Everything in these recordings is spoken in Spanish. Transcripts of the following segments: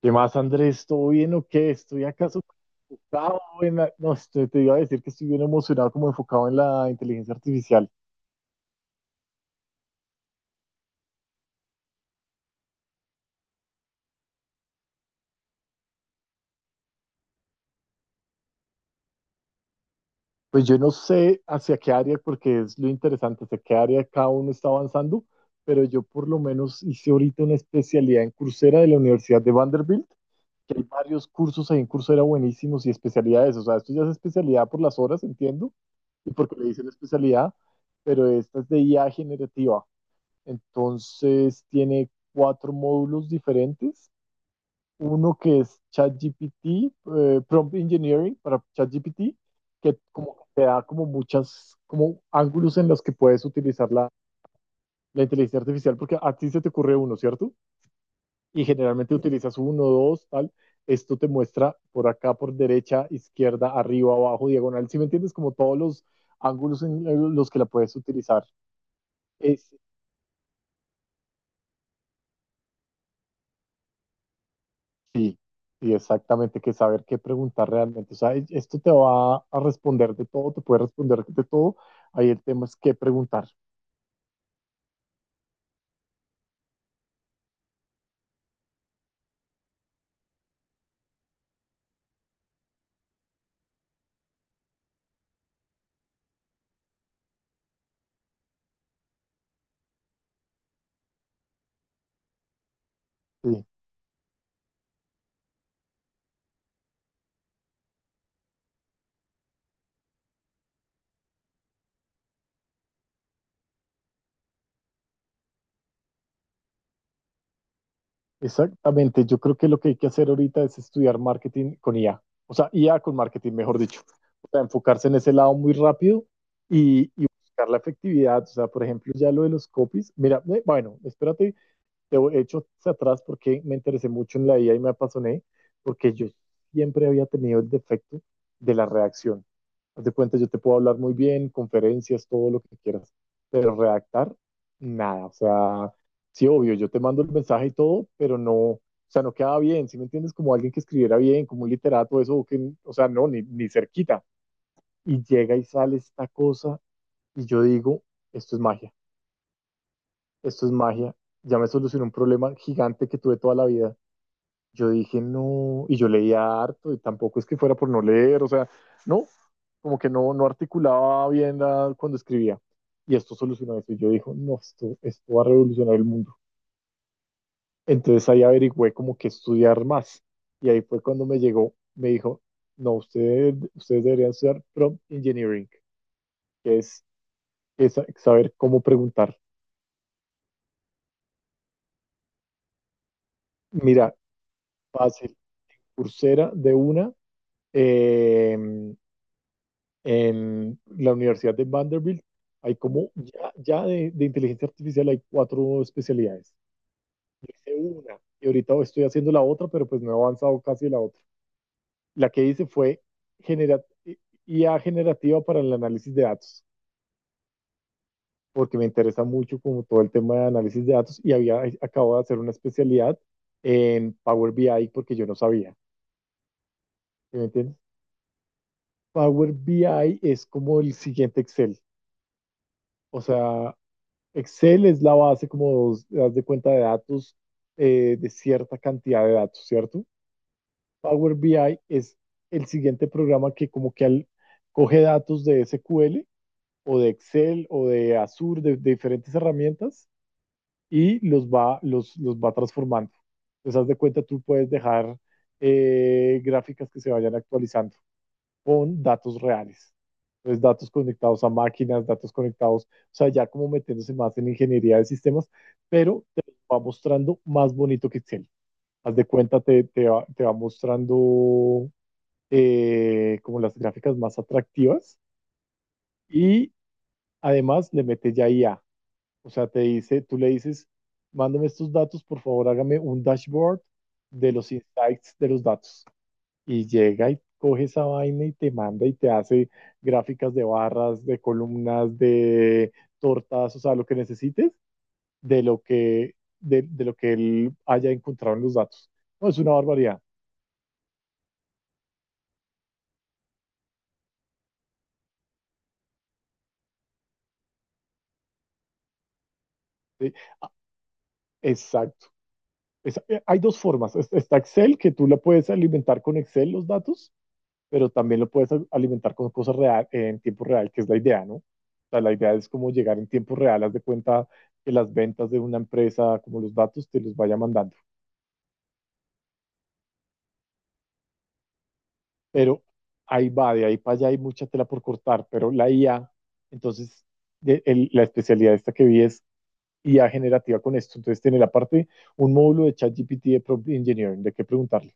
¿Qué más, Andrés? ¿Todo bien o qué? Estoy acá súper enfocado en no, te iba a decir que estoy bien emocionado, como enfocado en la inteligencia artificial. Pues yo no sé hacia qué área, porque es lo interesante, hacia qué área cada uno está avanzando, pero yo por lo menos hice ahorita una especialidad en Coursera de la Universidad de Vanderbilt, que hay varios cursos ahí en Coursera buenísimos y especialidades. O sea, esto ya es especialidad por las horas, entiendo, y porque le dicen especialidad, pero esta es de IA generativa. Entonces tiene 4 módulos diferentes. Uno que es ChatGPT, Prompt Engineering para ChatGPT, que como que te da como muchas, como ángulos en los que puedes utilizar la inteligencia artificial, porque a ti se te ocurre uno, ¿cierto? Y generalmente utilizas uno, dos, tal. Esto te muestra por acá, por derecha, izquierda, arriba, abajo, diagonal. Si me entiendes, como todos los ángulos en los que la puedes utilizar. Es, Sí, sí, exactamente, que saber qué preguntar realmente. O sea, esto te va a responder de todo, te puede responder de todo. Ahí el tema es qué preguntar. Sí, exactamente. Yo creo que lo que hay que hacer ahorita es estudiar marketing con IA. O sea, IA con marketing, mejor dicho. O sea, enfocarse en ese lado muy rápido y buscar la efectividad. O sea, por ejemplo, ya lo de los copies. Mira, bueno, espérate. Te he hecho hacia atrás porque me interesé mucho en la IA y me apasioné, porque yo siempre había tenido el defecto de la redacción. Haz de cuenta, yo te puedo hablar muy bien, conferencias, todo lo que quieras, pero redactar, nada. O sea, sí, obvio, yo te mando el mensaje y todo, pero no, o sea, no queda bien, ¿sí me entiendes? Como alguien que escribiera bien, como un literato, eso, o que, o sea, no, ni, ni cerquita. Y llega y sale esta cosa y yo digo, esto es magia, esto es magia, ya me solucionó un problema gigante que tuve toda la vida. Yo dije, no, y yo leía harto, y tampoco es que fuera por no leer, o sea, no, como que no, no articulaba bien cuando escribía. Y esto solucionó eso, y yo dije, no, esto va a revolucionar el mundo. Entonces ahí averigüé como que estudiar más, y ahí fue cuando me llegó, me dijo, no, ustedes deberían estudiar prompt engineering, que es saber cómo preguntar. Mira, fácil, Coursera de una, eh, en la Universidad de Vanderbilt hay como, ya de inteligencia artificial hay 4 especialidades. Hice una y ahorita estoy haciendo la otra, pero pues no he avanzado casi la otra. La que hice fue genera- IA generativa para el análisis de datos, porque me interesa mucho como todo el tema de análisis de datos y había acabo de hacer una especialidad en Power BI porque yo no sabía. ¿Sí me entiendes? Power BI es como el siguiente Excel. O sea, Excel es la base, como das de cuenta, de datos, de cierta cantidad de datos, ¿cierto? Power BI es el siguiente programa que como que coge datos de SQL o de Excel o de Azure, de diferentes herramientas, y los va transformando. Entonces, haz de cuenta, tú puedes dejar gráficas que se vayan actualizando con datos reales. Entonces, datos conectados a máquinas, datos conectados, o sea, ya como metiéndose más en ingeniería de sistemas, pero te va mostrando más bonito que Excel. Haz de cuenta, te va mostrando como las gráficas más atractivas y además le mete ya IA. O sea, te dice, tú le dices, mándame estos datos, por favor, hágame un dashboard de los insights de los datos y llega y coge esa vaina y te manda y te hace gráficas de barras, de columnas, de tortas, o sea, lo que necesites de lo que, de lo que él haya encontrado en los datos. No, es una barbaridad. ¿Sí? Exacto. Hay dos formas. Está Excel, que tú la puedes alimentar con Excel los datos, pero también lo puedes alimentar con cosas real, en tiempo real, que es la idea, ¿no? O sea, la idea es como llegar en tiempo real, haz de cuenta que las ventas de una empresa, como los datos, te los vaya mandando. Pero ahí va, de ahí para allá hay mucha tela por cortar, pero la IA, entonces la especialidad esta que vi es IA generativa con esto, entonces tiene la parte, un módulo de ChatGPT de Prompt Engineering, de qué preguntarle.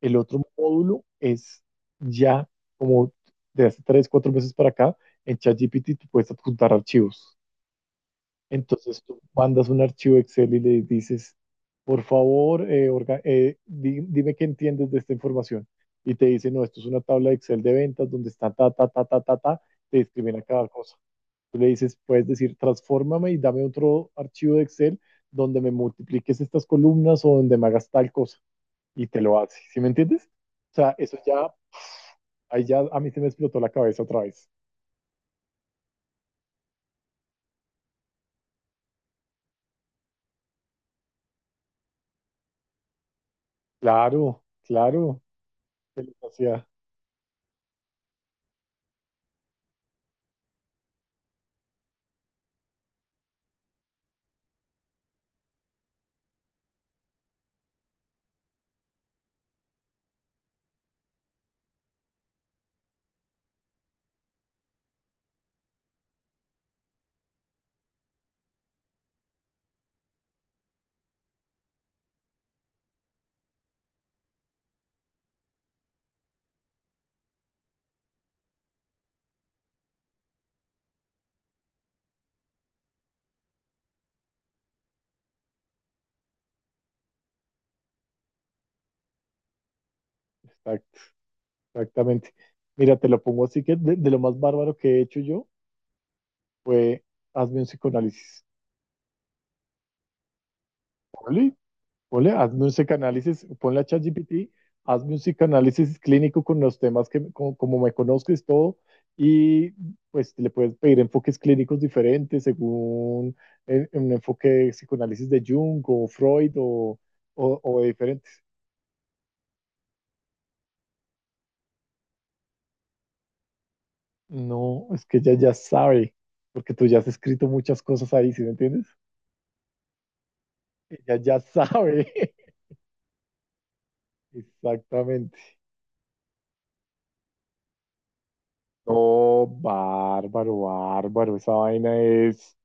El otro módulo es ya como de hace 3, 4 meses para acá, en ChatGPT tú puedes apuntar archivos. Entonces tú mandas un archivo Excel y le dices, por favor, dime qué entiendes de esta información. Y te dice, no, esto es una tabla de Excel de ventas donde está ta, ta, ta, ta, ta, ta, te escriben a cada cosa. Tú le dices, puedes decir, transfórmame y dame otro archivo de Excel donde me multipliques estas columnas o donde me hagas tal cosa. Y te lo hace. ¿Sí me entiendes? O sea, eso ya, ahí ya a mí se me explotó la cabeza otra vez. Claro, claro. ¿Que lo hacía? Está. Exactamente. Mira, te lo pongo así que de lo más bárbaro que he hecho yo fue hazme un psicoanálisis. Ponle, ponle, hazme un psicoanálisis, ponle a ChatGPT, hazme un psicoanálisis clínico con los temas que, como, como me conozcas todo, y pues le puedes pedir enfoques clínicos diferentes según un enfoque de psicoanálisis de Jung o Freud o de diferentes. No, es que ella ya sabe, porque tú ya has escrito muchas cosas ahí, ¿sí me entiendes? Ella ya sabe. Exactamente. No, bárbaro, bárbaro. Esa vaina es,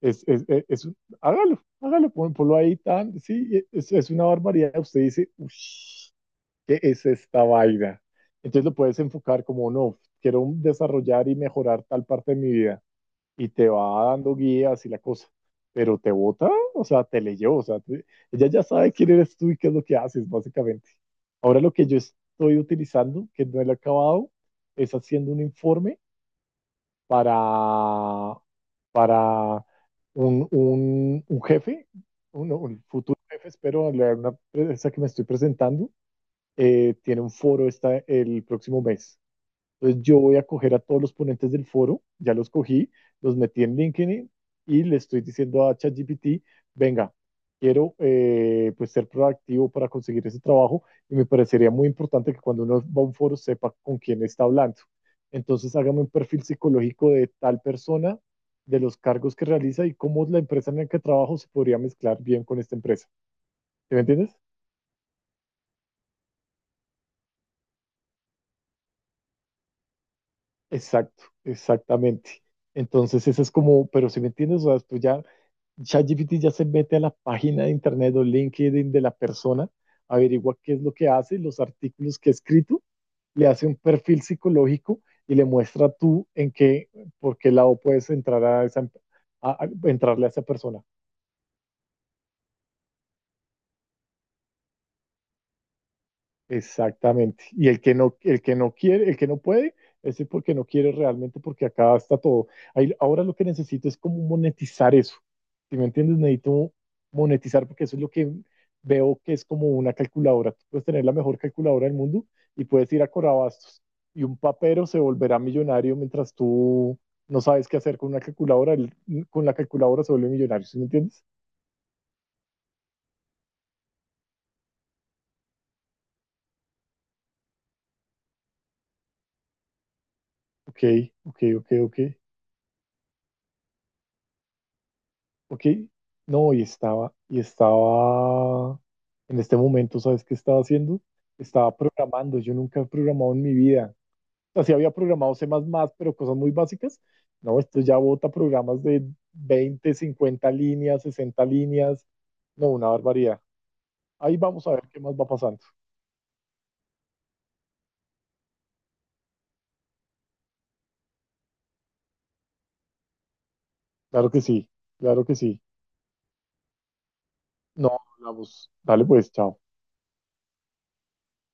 es, es, es- es un- hágalo, hágalo, ponlo ahí tan, sí, es una barbaridad. Usted dice, "Ush, ¿qué es esta vaina? Entonces lo puedes enfocar como, no, quiero desarrollar y mejorar tal parte de mi vida. Y te va dando guías y la cosa. Pero te vota, o sea, te leyó, o sea, ella ya sabe quién eres tú y qué es lo que haces, básicamente. Ahora lo que yo estoy utilizando, que no lo he acabado, es haciendo un informe para, para un jefe, un futuro jefe, espero, una empresa que me estoy presentando, tiene un foro esta, el próximo mes. Entonces yo voy a coger a todos los ponentes del foro, ya los cogí, los metí en LinkedIn y le estoy diciendo a ChatGPT, venga, quiero pues ser proactivo para conseguir ese trabajo y me parecería muy importante que cuando uno va a un foro sepa con quién está hablando. Entonces hágame un perfil psicológico de tal persona, de los cargos que realiza y cómo la empresa en la que trabajo se podría mezclar bien con esta empresa. ¿Sí me entiendes? Exacto, exactamente. Entonces, eso es como, pero si me entiendes, o sea, esto ya ChatGPT ya se mete a la página de internet o LinkedIn de la persona, averigua qué es lo que hace, los artículos que ha escrito, le hace un perfil psicológico y le muestra tú en qué, por qué lado puedes entrar a esa, entrarle a esa persona. Exactamente. Y el que no quiere, el que no puede, ese es porque no quiere realmente, porque acá está todo. Ahora lo que necesito es como monetizar eso. Si me entiendes, necesito monetizar porque eso es lo que veo que es como una calculadora. Tú puedes tener la mejor calculadora del mundo y puedes ir a Corabastos y un papero se volverá millonario mientras tú no sabes qué hacer con una calculadora. Él con la calculadora se vuelve millonario. ¿Sí me entiendes? Ok, ok. Ok, no, y estaba, en este momento, ¿sabes qué estaba haciendo? Estaba programando, yo nunca he programado en mi vida. Así había programado C++, pero cosas muy básicas. No, esto ya bota programas de 20, 50 líneas, 60 líneas. No, una barbaridad. Ahí vamos a ver qué más va pasando. Claro que sí, claro que sí. No, hablamos. Dale pues, chao.